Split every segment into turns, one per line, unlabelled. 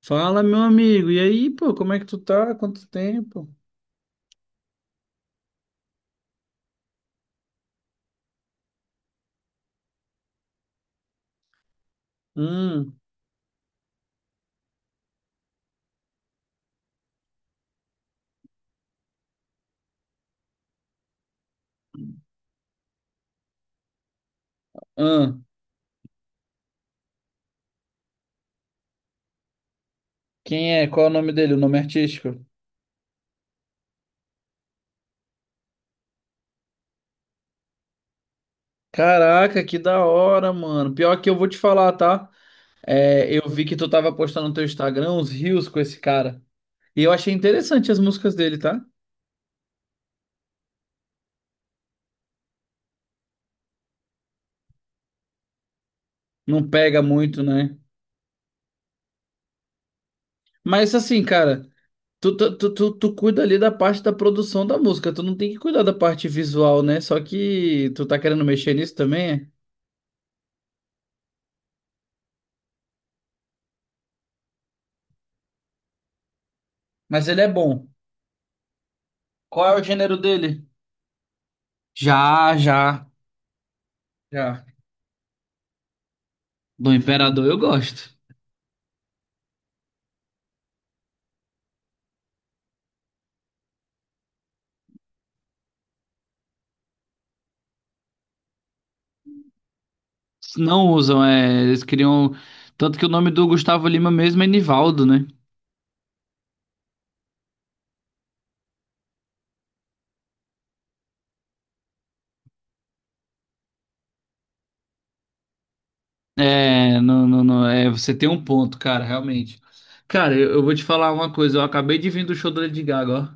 Fala, meu amigo. E aí, pô, como é que tu tá? Quanto tempo? Hum, ah, quem é? Qual é o nome dele? O nome artístico? Caraca, que da hora, mano. Pior que eu vou te falar, tá? É, eu vi que tu tava postando no teu Instagram uns reels com esse cara. E eu achei interessante as músicas dele, tá? Não pega muito, né? Mas assim, cara, tu cuida ali da parte da produção da música. Tu não tem que cuidar da parte visual, né? Só que tu tá querendo mexer nisso também, é? Mas ele é bom. Qual é o gênero dele? Já, já, já. Do Imperador eu gosto. Não usam, é, eles criam. Tanto que o nome do Gustavo Lima mesmo é Nivaldo, né? É, não, é, você tem um ponto, cara, realmente. Cara, eu vou te falar uma coisa, eu acabei de vir do show do Lady Gaga, ó.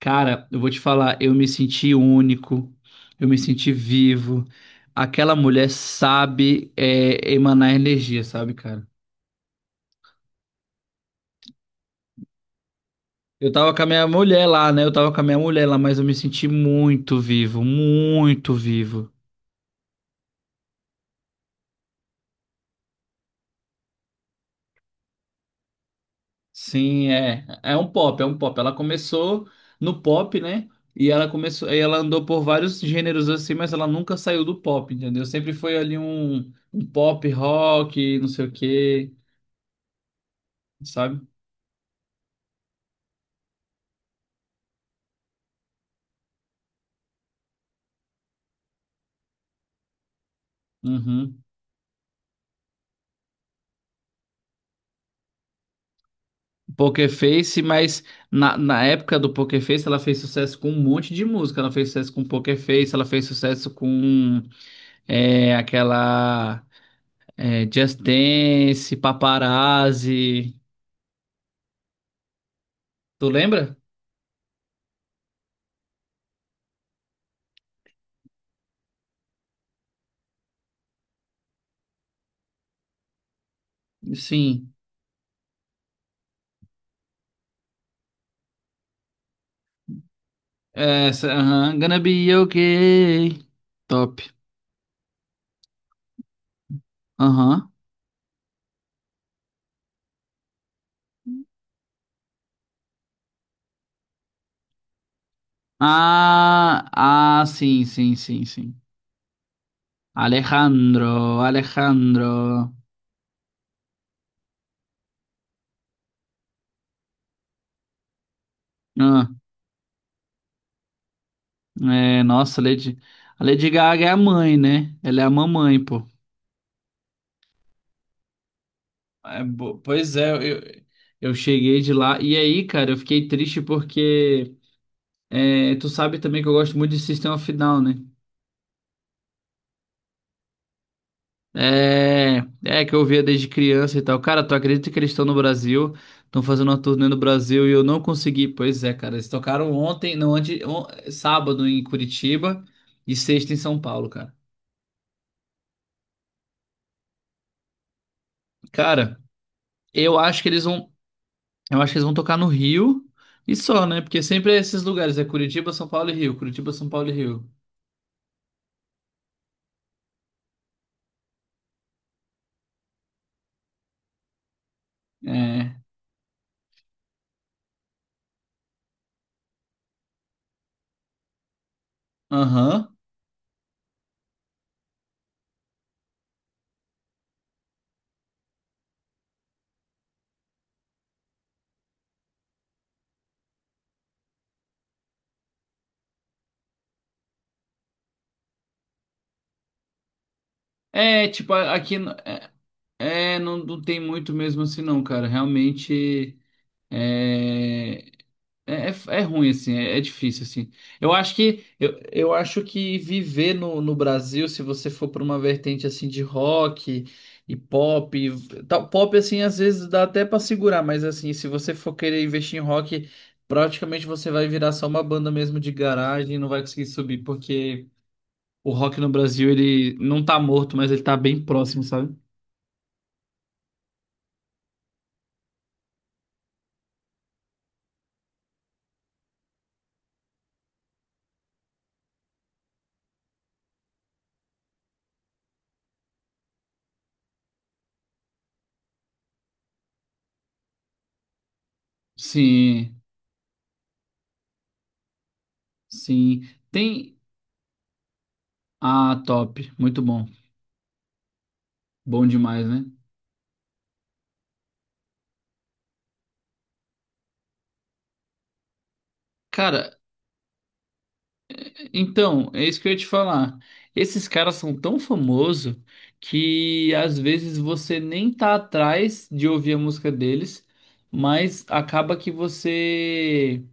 Cara, eu vou te falar, eu me senti único, eu me senti vivo. Aquela mulher sabe, é, emanar energia, sabe, cara? Eu tava com a minha mulher lá, né? Eu tava com a minha mulher lá, mas eu me senti muito vivo, muito vivo. Sim, é. É um pop, é um pop. Ela começou no pop, né? E ela começou, e ela andou por vários gêneros assim, mas ela nunca saiu do pop, entendeu? Sempre foi ali um, um pop rock, não sei o quê, sabe? Uhum. Poker Face, mas na, na época do Poker Face ela fez sucesso com um monte de música. Ela fez sucesso com Poker Face, ela fez sucesso com é, aquela. É, Just Dance, Paparazzi. Tu lembra? Sim. Essa, aham. Gonna be okay. Top. Aham. Ah, ah, sim, sim, sim, sim. Alejandro, Alejandro. Ah, é, nossa, Lady, a Lady Gaga é a mãe, né? Ela é a mamãe, pô. É, pois é, eu cheguei de lá. E aí, cara, eu fiquei triste porque é, tu sabe também que eu gosto muito de System of a Down, né? É, é que eu ouvia desde criança e tal. Cara, tu acredita que eles estão no Brasil? Estão fazendo uma turnê no Brasil e eu não consegui. Pois é, cara, eles tocaram ontem, não, antes, sábado em Curitiba e sexta em São Paulo, cara. Cara, eu acho que eles vão, eu acho que eles vão tocar no Rio e só, né? Porque sempre é esses lugares, é Curitiba, São Paulo e Rio, Curitiba, São Paulo e Rio. É, aham. É, tipo, aqui é, é, não, não tem muito mesmo assim não, cara. Realmente é. É, é, é ruim, assim, é, é difícil, assim. Eu acho que viver no, no Brasil, se você for para uma vertente assim de rock e pop, e tal, pop assim, às vezes dá até para segurar, mas assim, se você for querer investir em rock, praticamente você vai virar só uma banda mesmo de garagem e não vai conseguir subir, porque o rock no Brasil, ele não tá morto, mas ele tá bem próximo, sabe? Sim, sim. Tem. Ah, top. Muito bom. Bom demais, né? Cara, então, é isso que eu ia te falar. Esses caras são tão famosos que às vezes você nem tá atrás de ouvir a música deles, mas acaba que você.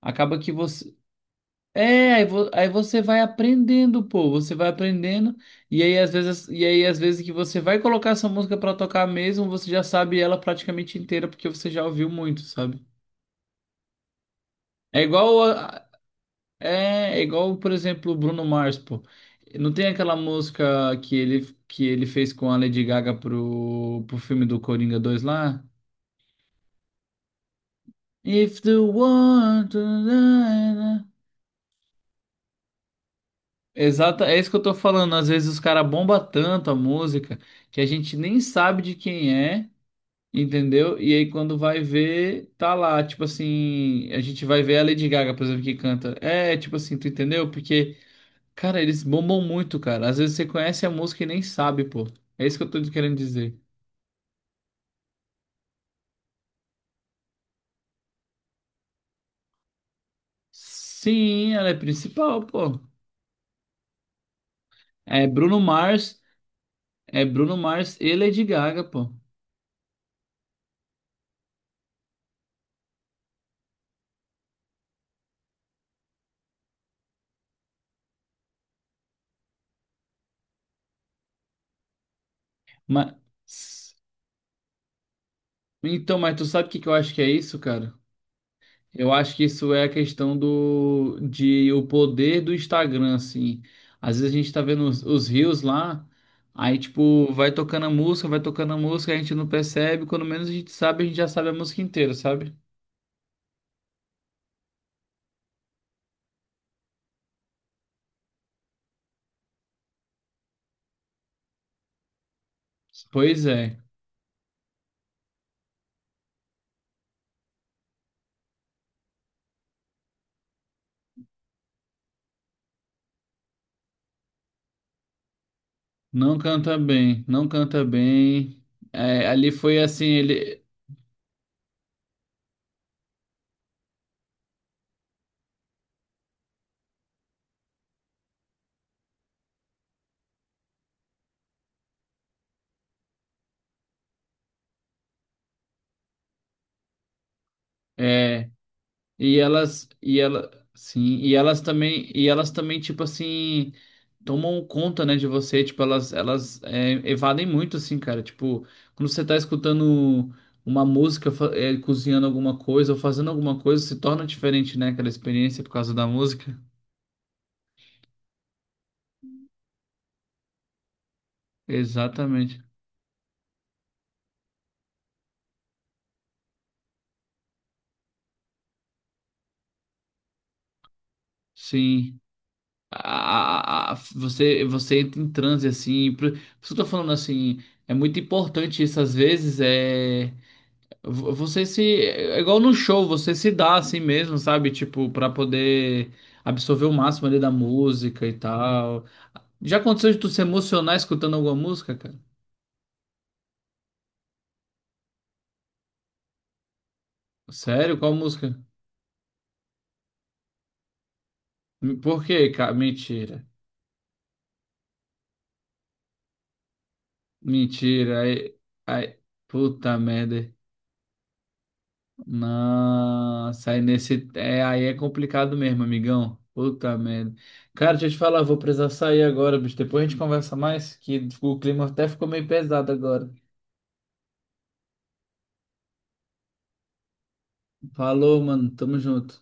Acaba que você. É, aí, aí você vai aprendendo, pô, você vai aprendendo, e aí às vezes, e aí às vezes que você vai colocar essa música pra tocar mesmo, você já sabe ela praticamente inteira porque você já ouviu muito, sabe? É igual é é igual, por exemplo, o Bruno Mars, pô. Não tem aquela música que ele fez com a Lady Gaga pro, pro filme do Coringa 2 lá? If the one to die- exato, é isso que eu tô falando. Às vezes os caras bombam tanto a música que a gente nem sabe de quem é, entendeu? E aí quando vai ver, tá lá. Tipo assim, a gente vai ver a Lady Gaga, por exemplo, que canta. É, tipo assim, tu entendeu? Porque. Cara, eles bombam muito, cara. Às vezes você conhece a música e nem sabe, pô. É isso que eu tô querendo dizer. Sim, ela é principal, pô. É Bruno Mars, é Bruno Mars e Lady Gaga, pô. Mas então, mas tu sabe o que que eu acho que é isso, cara? Eu acho que isso é a questão do de o poder do Instagram, assim. Às vezes a gente tá vendo os reels lá, aí tipo, vai tocando a música, vai tocando a música, a gente não percebe, quando menos a gente sabe, a gente já sabe a música inteira, sabe? Pois é, não canta bem, não canta bem. É, ali foi assim, ele é, e elas e ela sim, e elas também tipo assim tomam conta, né, de você, tipo elas é, evadem muito assim, cara, tipo, quando você tá escutando uma música, é, cozinhando alguma coisa ou fazendo alguma coisa, se torna diferente, né, aquela experiência por causa da música. Exatamente. Sim. Você entra em transe assim, por isso que eu tô falando assim, é muito importante isso às vezes é você se é igual no show, você se dá assim mesmo, sabe? Tipo, pra poder absorver o máximo ali da música e tal. Já aconteceu de tu se emocionar escutando alguma música, cara? Sério? Qual música? Por quê, cara? Mentira. Mentira. Aí, aí, puta merda. Nossa, aí nesse. É, aí é complicado mesmo, amigão. Puta merda. Cara, deixa eu te falar, vou precisar sair agora, bicho. Depois a gente conversa mais, que o clima até ficou meio pesado agora. Falou, mano. Tamo junto.